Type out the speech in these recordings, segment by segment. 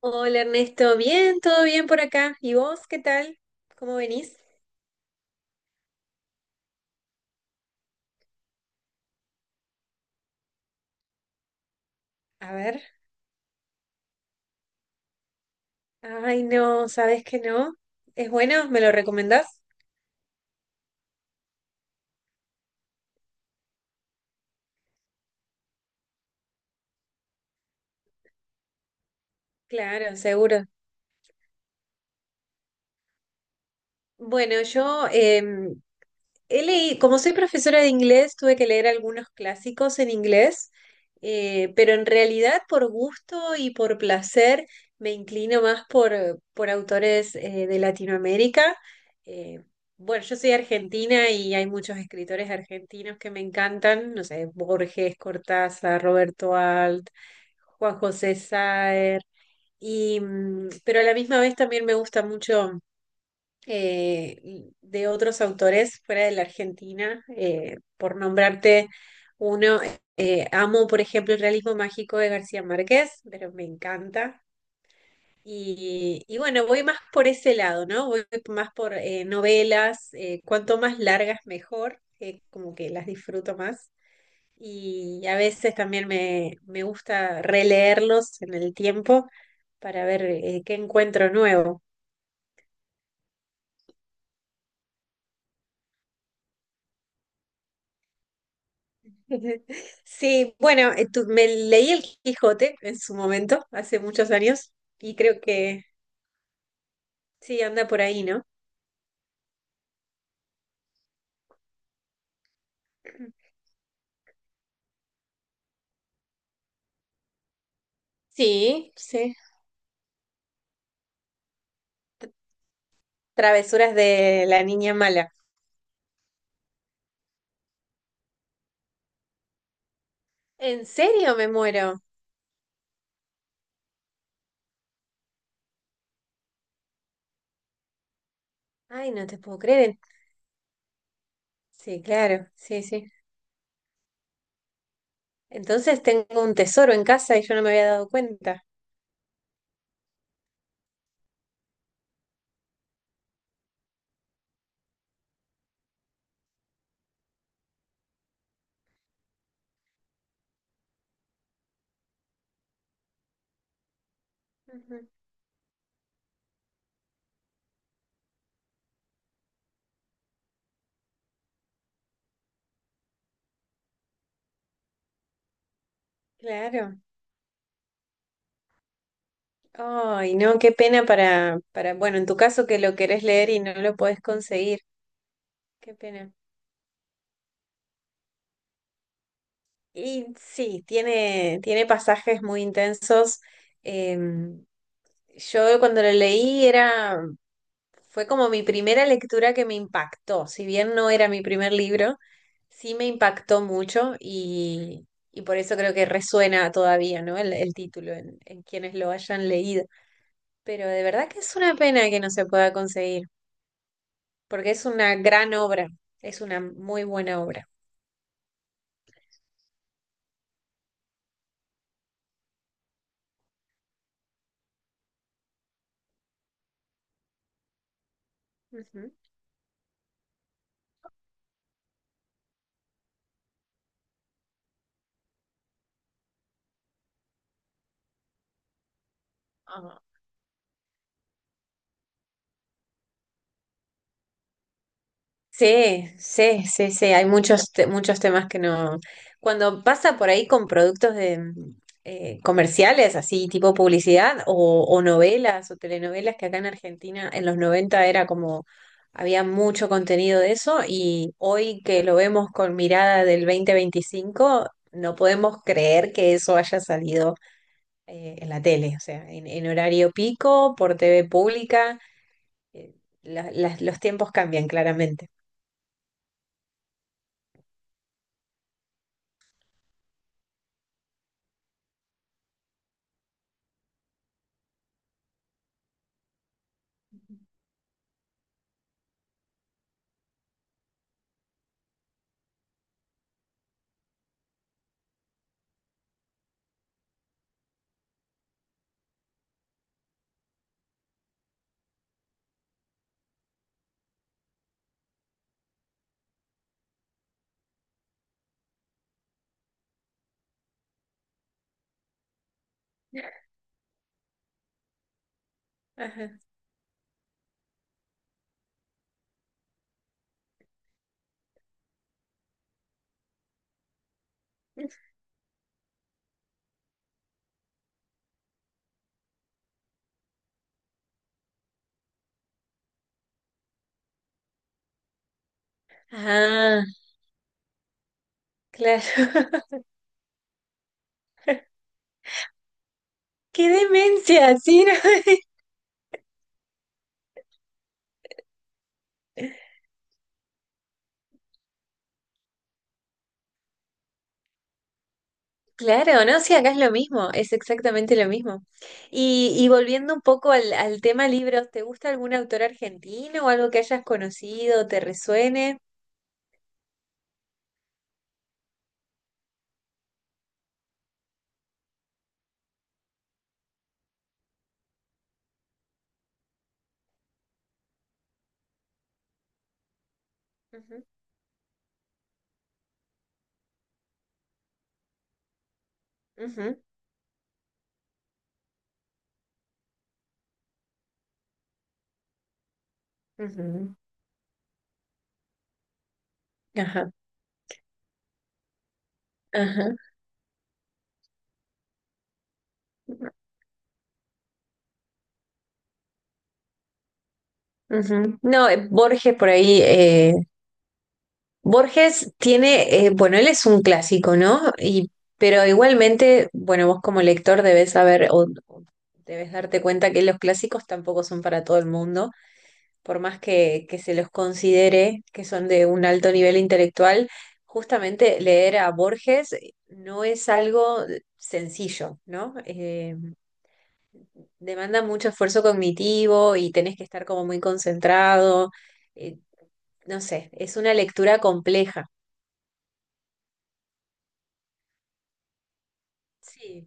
Hola Ernesto, bien, todo bien por acá. ¿Y vos qué tal? ¿Cómo venís? A ver. Ay, no, ¿sabés que no? ¿Es bueno? ¿Me lo recomendás? Claro, seguro. Bueno, yo como soy profesora de inglés, tuve que leer algunos clásicos en inglés, pero en realidad por gusto y por placer me inclino más por autores de Latinoamérica. Eh, bueno, yo soy argentina y hay muchos escritores argentinos que me encantan, no sé, Borges, Cortázar, Roberto Alt, Juan José Saer, y, pero a la misma vez también me gusta mucho de otros autores fuera de la Argentina, por nombrarte uno, amo, por ejemplo, el realismo mágico de García Márquez, pero me encanta. Y bueno, voy más por ese lado, ¿no? Voy más por novelas, cuanto más largas mejor, como que las disfruto más. Y a veces también me gusta releerlos en el tiempo para ver qué encuentro nuevo. Sí, bueno, me leí el Quijote en su momento, hace muchos años, y creo que sí, anda por ahí, ¿no? Sí, sí. Travesuras de la niña mala. ¿En serio me muero? Ay, no te puedo creer. Sí, claro, sí, sí. Entonces tengo un tesoro en casa y yo no me había dado cuenta. Ujú. Claro. Ay, no, qué pena para, bueno, en tu caso que lo querés leer y no lo podés conseguir. Qué pena. Y sí, tiene, tiene pasajes muy intensos. Em, yo cuando lo leí era, fue como mi primera lectura que me impactó. Si bien no era mi primer libro, sí me impactó mucho y por eso creo que resuena todavía, ¿no? El título en quienes lo hayan leído. Pero de verdad que es una pena que no se pueda conseguir, porque es una gran obra, es una muy buena obra. Ujú. Sí, sí, sí, sí, hay muchos, muchos temas que no. Cuando pasa por ahí con productos de, comerciales, así tipo publicidad, o novelas o telenovelas, que acá en Argentina en los 90 era como, había mucho contenido de eso, y hoy que lo vemos con mirada del 2025 no podemos creer que eso haya salido en la tele, o sea, en horario pico, por TV pública, eh, los tiempos cambian claramente. Ajá. Ah, claro. ¡Qué demencia! Sí, no, Claro, no, sí, acá es lo mismo, es exactamente lo mismo. Y volviendo un poco al tema libros, ¿te gusta algún autor argentino o algo que hayas conocido, te resuene? Ujú, ujú, ujú. Ajá, ajá. Ujú. No, Borges por ahí, Borges tiene, bueno, él es un clásico, ¿no? Pero igualmente, bueno, vos como lector debes saber o debes darte cuenta que los clásicos tampoco son para todo el mundo, por más que se los considere que son de un alto nivel intelectual, justamente leer a Borges no es algo sencillo, ¿no? Demanda mucho esfuerzo cognitivo y tenés que estar como muy concentrado. eh, no sé, es una lectura compleja. Sí,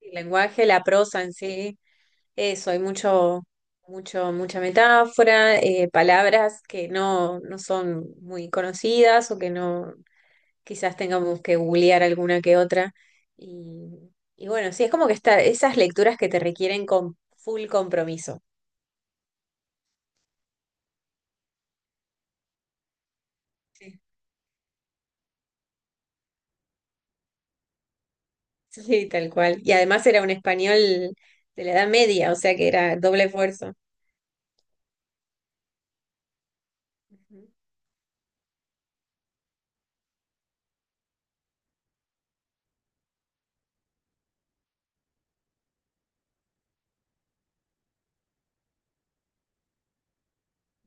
el lenguaje, la prosa en sí, eso, hay mucha metáfora, palabras que no son muy conocidas o que no, quizás tengamos que googlear alguna que otra. Y, y bueno, sí, es como que está, esas lecturas que te requieren con full compromiso. Sí. Sí, tal cual. Y además era un español de la Edad Media, o sea que era doble esfuerzo. Ujú,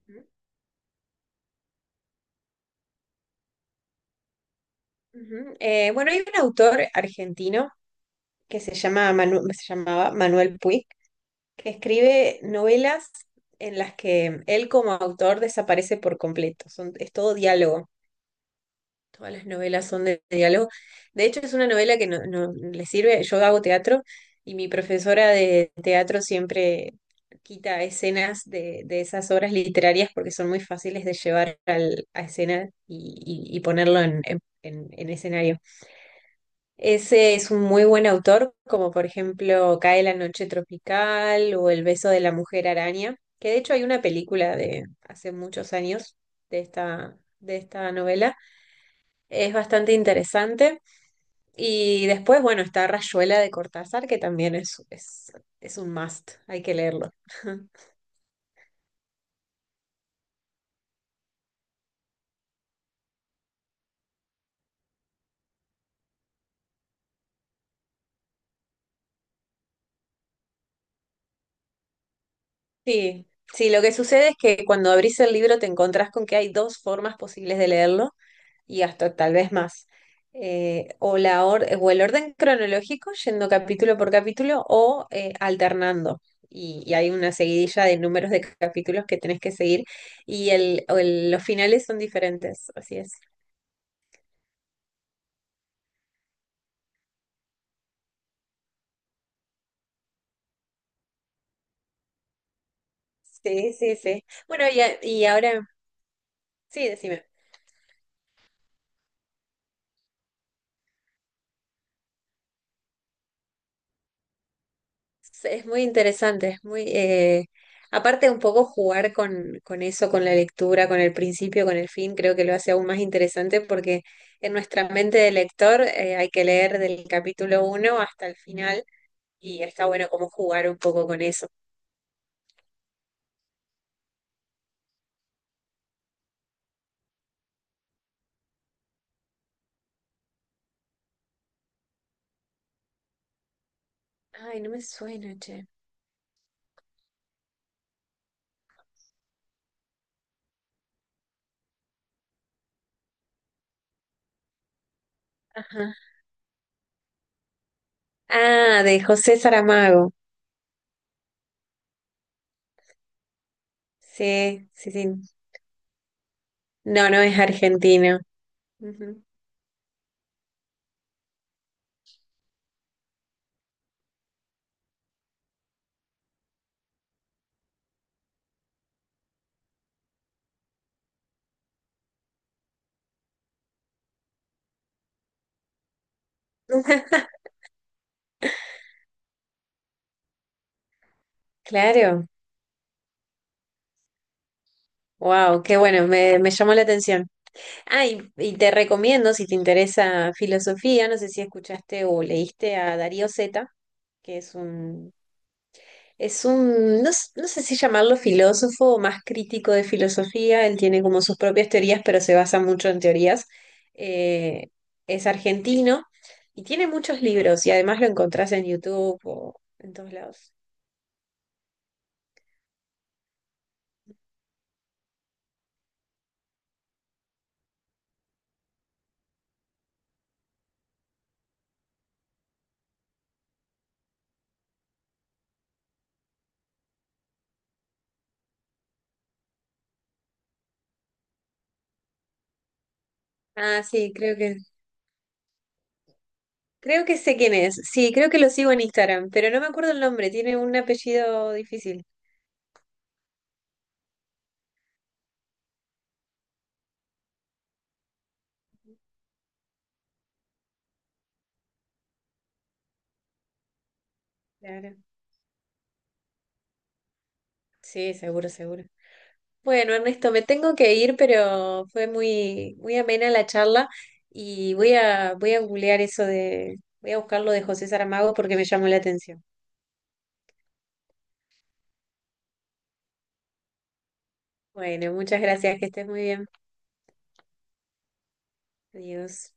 ujú, ujú. Bueno, hay un autor argentino que se llama se llamaba Manuel Puig, que escribe novelas en las que él como autor desaparece por completo. Son, es todo diálogo. Todas las novelas son de diálogo. De hecho, es una novela que no le sirve. Yo hago teatro y mi profesora de teatro siempre quita escenas de esas obras literarias porque son muy fáciles de llevar a escena y, y ponerlo en, en escenario. Ese es un muy buen autor, como por ejemplo Cae la noche tropical o El beso de la mujer araña, que de hecho hay una película de hace muchos años de esta novela. Es bastante interesante. Y después, bueno, está Rayuela de Cortázar, que también es un must, hay que leerlo. Sí, sí, lo que sucede es que cuando abrís el libro te encontrás con que hay dos formas posibles de leerlo y hasta tal vez más. O el orden cronológico, yendo capítulo por capítulo, o alternando. Y hay una seguidilla de números de capítulos que tenés que seguir y los finales son diferentes, así es. Sí, sí, sí. Bueno, y ahora, sí, decime. Sí, es muy interesante, es muy, aparte un poco jugar con eso, con la lectura, con el principio, con el fin, creo que lo hace aún más interesante porque en nuestra mente de lector hay que leer del capítulo uno hasta el final y está bueno como jugar un poco con eso. Ay, no me suena, che. Ajá. Ah, de José Saramago. Sí, sí, sí. No, no es argentino. Ujú. Claro. Wow, qué bueno, me llamó la atención. Ah, y te recomiendo, si te interesa filosofía, no sé si escuchaste o leíste a Darío Zeta, que no, no sé si llamarlo filósofo o más crítico de filosofía, él tiene como sus propias teorías, pero se basa mucho en teorías. Eh, es argentino y tiene muchos libros y además lo encontrás en YouTube o en todos lados. Ah, sí, creo que sé quién es. Sí, creo que lo sigo en Instagram, pero no me acuerdo el nombre, tiene un apellido difícil. Claro. Sí, seguro, seguro. Bueno, Ernesto, me tengo que ir, pero fue muy, muy amena la charla y voy a googlear voy a buscar lo de José Saramago porque me llamó la atención. Bueno, muchas gracias, que estés muy bien. Adiós.